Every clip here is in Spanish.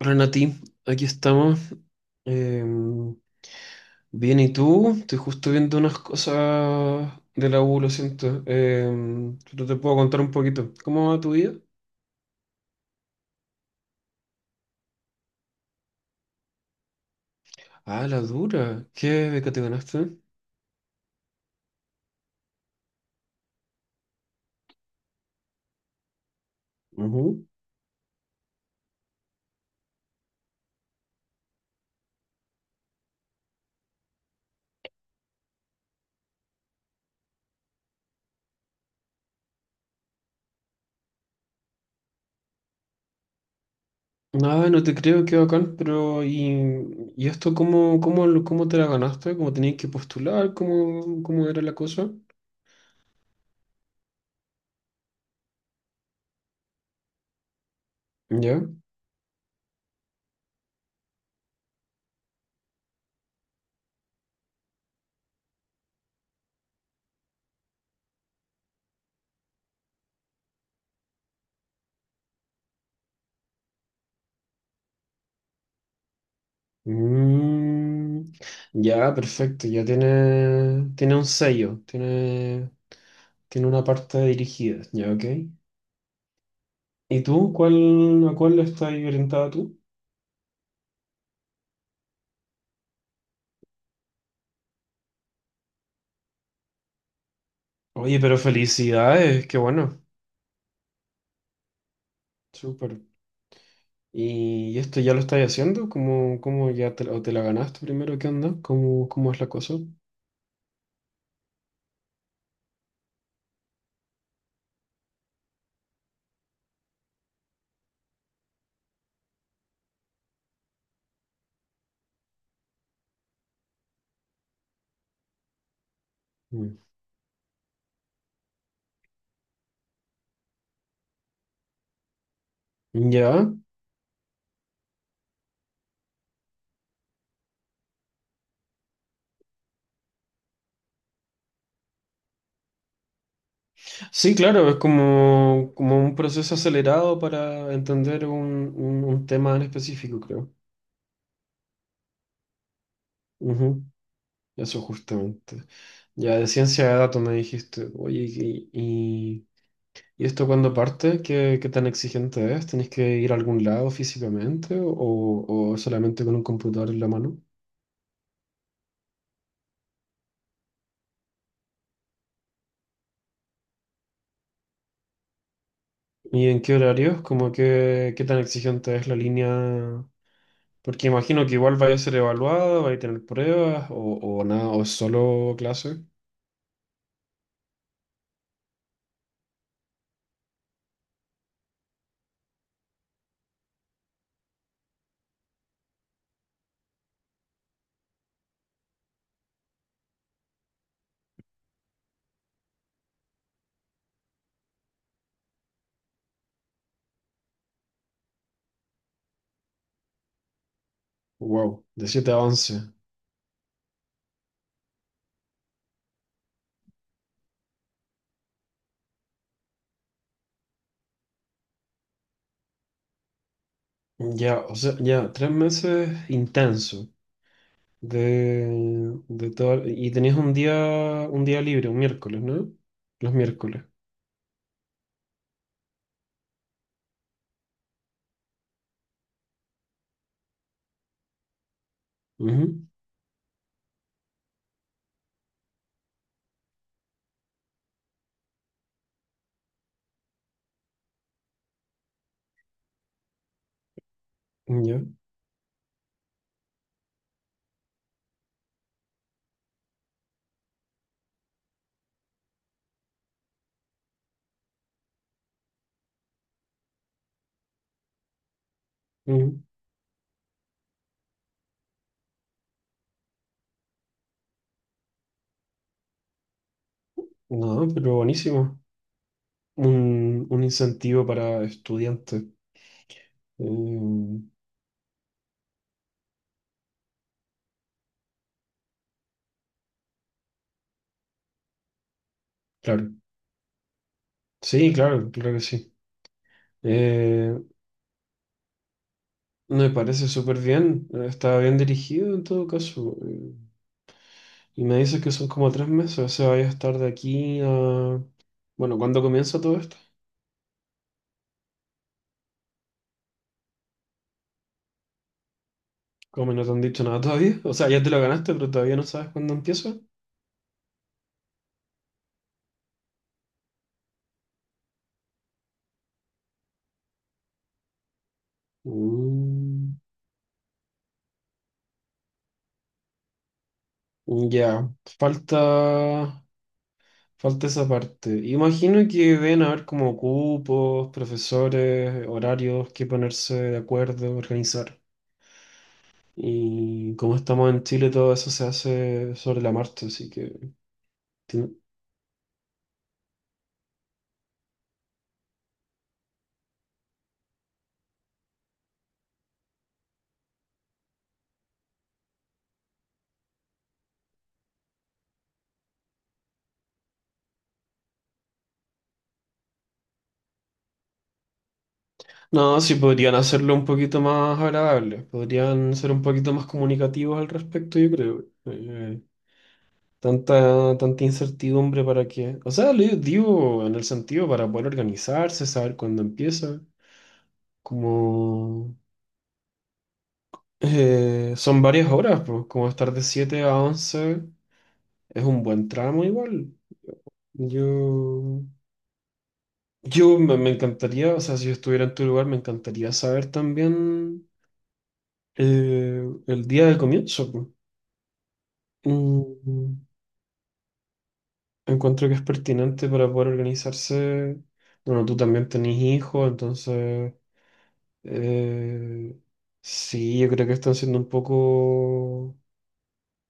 Renati, aquí estamos. Eh, Bien, ¿y tú? Estoy justo viendo unas cosas de la U, lo siento. Pero te puedo contar un poquito. ¿Cómo va tu vida? Ah, la dura. ¿Qué beca te ganaste? Ujú. Ah, no te creo, qué bacán, pero ¿y esto cómo te la ganaste? ¿Cómo tenías que postular? ¿Cómo era la cosa? ¿Ya? Mm, ya, perfecto, ya tiene un sello, tiene, tiene una parte dirigida, ya, ok. ¿Y tú? ¿Cuál, a cuál estás orientada tú? Oye, pero felicidades, qué bueno. Súper. ¿Y esto ya lo estás haciendo? ¿Cómo, cómo ya te, o te la ganaste primero? ¿Qué onda? ¿Cómo es la cosa? Mm. ¿Ya? Sí, claro, es como, como un proceso acelerado para entender un tema en específico, creo. Ujú, eso justamente. Ya, de ciencia de datos me dijiste. ¿Y esto cuando parte? ¿Qué, qué tan exigente es? ¿Tenés que ir a algún lado físicamente o solamente con un computador en la mano? ¿Y en qué horarios? Como que, qué tan exigente es la línea? Porque imagino que igual vaya a ser evaluada, vaya a tener pruebas o nada, o es solo clase. Wow, de siete a 11. Ya, o sea, ya, tres meses intenso de, de todo. Y tenías un día libre, un miércoles, ¿no? Los miércoles. Ujú, ya. Ujú. No, pero buenísimo. Un incentivo para estudiantes. Eh, claro. Sí, claro, claro que sí. Eh, Me parece súper bien. Está bien dirigido en todo caso. Y me dices que son como tres meses, o sea, vaya a estar de aquí a... Bueno, ¿cuándo comienza todo esto? Como no te han dicho nada todavía. O sea, ya te lo ganaste, pero todavía no sabes cuándo empieza. Mm, ya. Falta... Falta esa parte. Imagino que deben haber como cupos, profesores, horarios que ponerse de acuerdo, organizar. Y como estamos en Chile, todo eso se hace sobre la marcha, así que... ti- No, sí podrían hacerlo un poquito más agradable, podrían ser un poquito más comunicativos al respecto, yo creo. Tanta, tanta incertidumbre para qué. O sea, lo digo en el sentido para poder organizarse, saber cuándo empieza, como... son varias horas, pues, como estar de 7 a 11 es un buen tramo igual. Yo, yo me, me encantaría, o sea, si yo estuviera en tu lugar, me encantaría saber también el día de comienzo, pues. Mm, encuentro que es pertinente para poder organizarse. Bueno, tú también tenés hijos, entonces eh, sí, yo creo que están siendo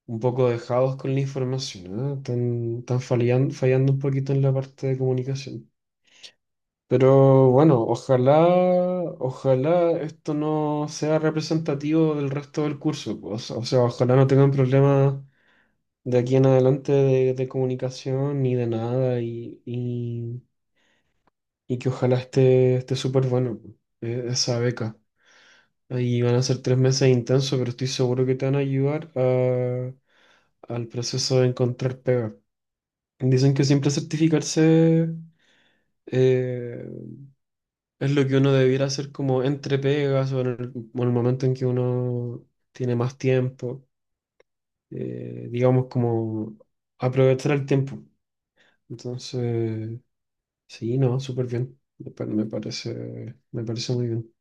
un poco dejados con la información, ¿no? Están, están fallando un poquito en la parte de comunicación. Pero bueno, ojalá, ojalá esto no sea representativo del resto del curso, pues. O sea, ojalá no tengan problemas de aquí en adelante de comunicación ni de nada y que ojalá esté súper bueno, pues, esa beca. Ahí van a ser tres meses intensos, pero estoy seguro que te van a al proceso de encontrar pega. Dicen que siempre certificarse eh, es lo que uno debiera hacer como entre pegas o en el momento en que uno tiene más tiempo, digamos como aprovechar el tiempo. Entonces, sí, no, súper bien. Me parece muy bien.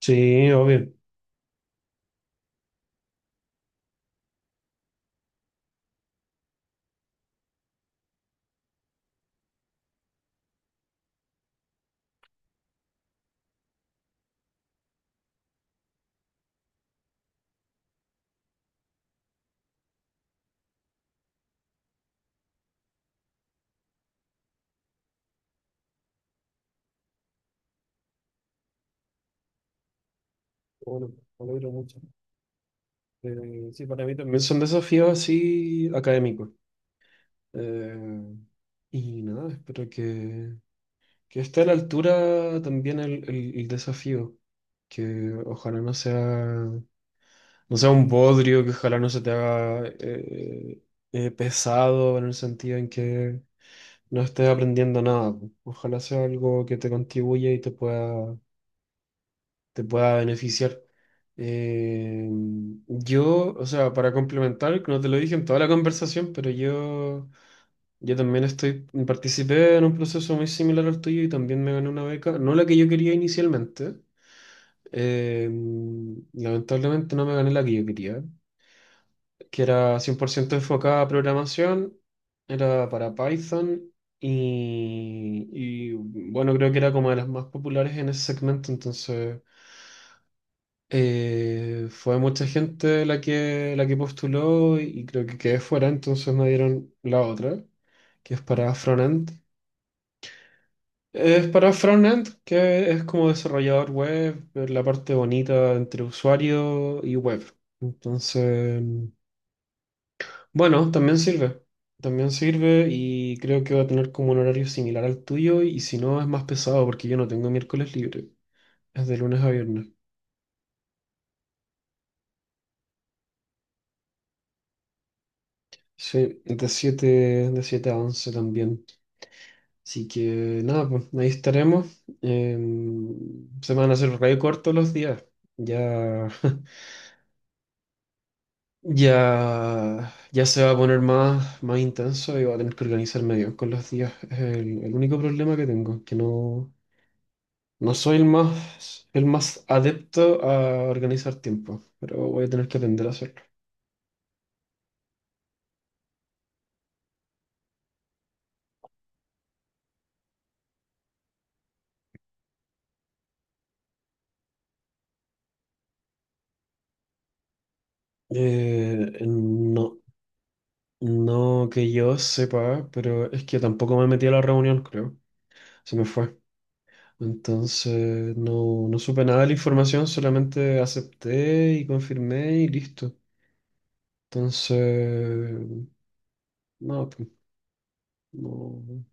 Sí, obvio. Bueno, me alegro mucho. Sí, para mí también son desafíos así académicos. Eh, y nada, espero que esté a la altura también el, el desafío, que ojalá no sea, no sea un bodrio, que ojalá no se te haga pesado en el sentido en que no estés aprendiendo nada. Ojalá sea algo que te contribuya y te pueda beneficiar. Eh, yo, o sea, para complementar, no te lo dije en toda la conversación, pero yo... Yo también estoy, participé en un proceso muy similar al tuyo y también me gané una beca, no la que yo quería inicialmente, eh, lamentablemente no me gané la que yo quería, que era cien por ciento enfocada a programación, era para Python y, bueno, creo que era como de las más populares en ese segmento, entonces fue mucha gente la que postuló y creo que quedé fuera, entonces me dieron la otra, que es para frontend. Es para frontend, que es como desarrollador web, la parte bonita entre usuario y web. Entonces, bueno, también sirve. También sirve y creo que va a tener como un horario similar al tuyo y si no es más pesado porque yo no tengo miércoles libre. Es de lunes a viernes. Sí, de 7 a 11 también. Así que nada, pues ahí estaremos. Se van a hacer re cortos los días. Ya Ya, ya se va a poner más, más intenso y va a tener que organizarme bien con los días. Es el único problema que tengo, que no, no soy el más adepto a organizar tiempo, pero voy a tener que aprender a hacerlo. No, no que yo sepa, pero es que tampoco me metí a la reunión, creo. Se me fue. Entonces no, no supe nada de la información, solamente acepté y confirmé y listo. Entonces, no. No,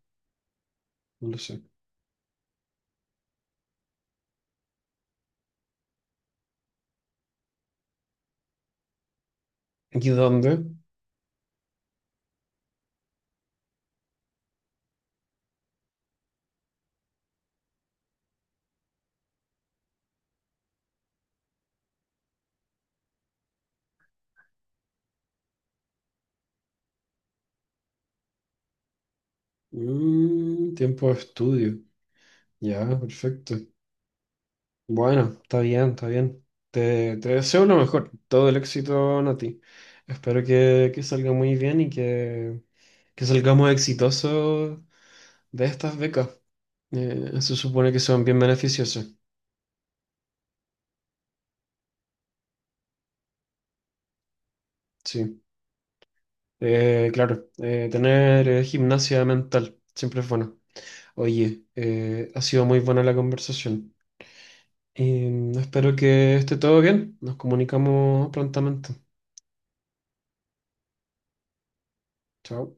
no lo sé. ¿Y dónde? Mm, tiempo de estudio. Ya, perfecto. Bueno, está bien, está bien. Te deseo lo mejor. Todo el éxito, Nati. Espero que salga muy bien y que salgamos exitosos de estas becas. Se supone que son bien beneficiosas. Sí. Claro, tener gimnasia mental siempre es bueno. Oye, ha sido muy buena la conversación. Espero que esté todo bien. Nos comunicamos prontamente. Chao.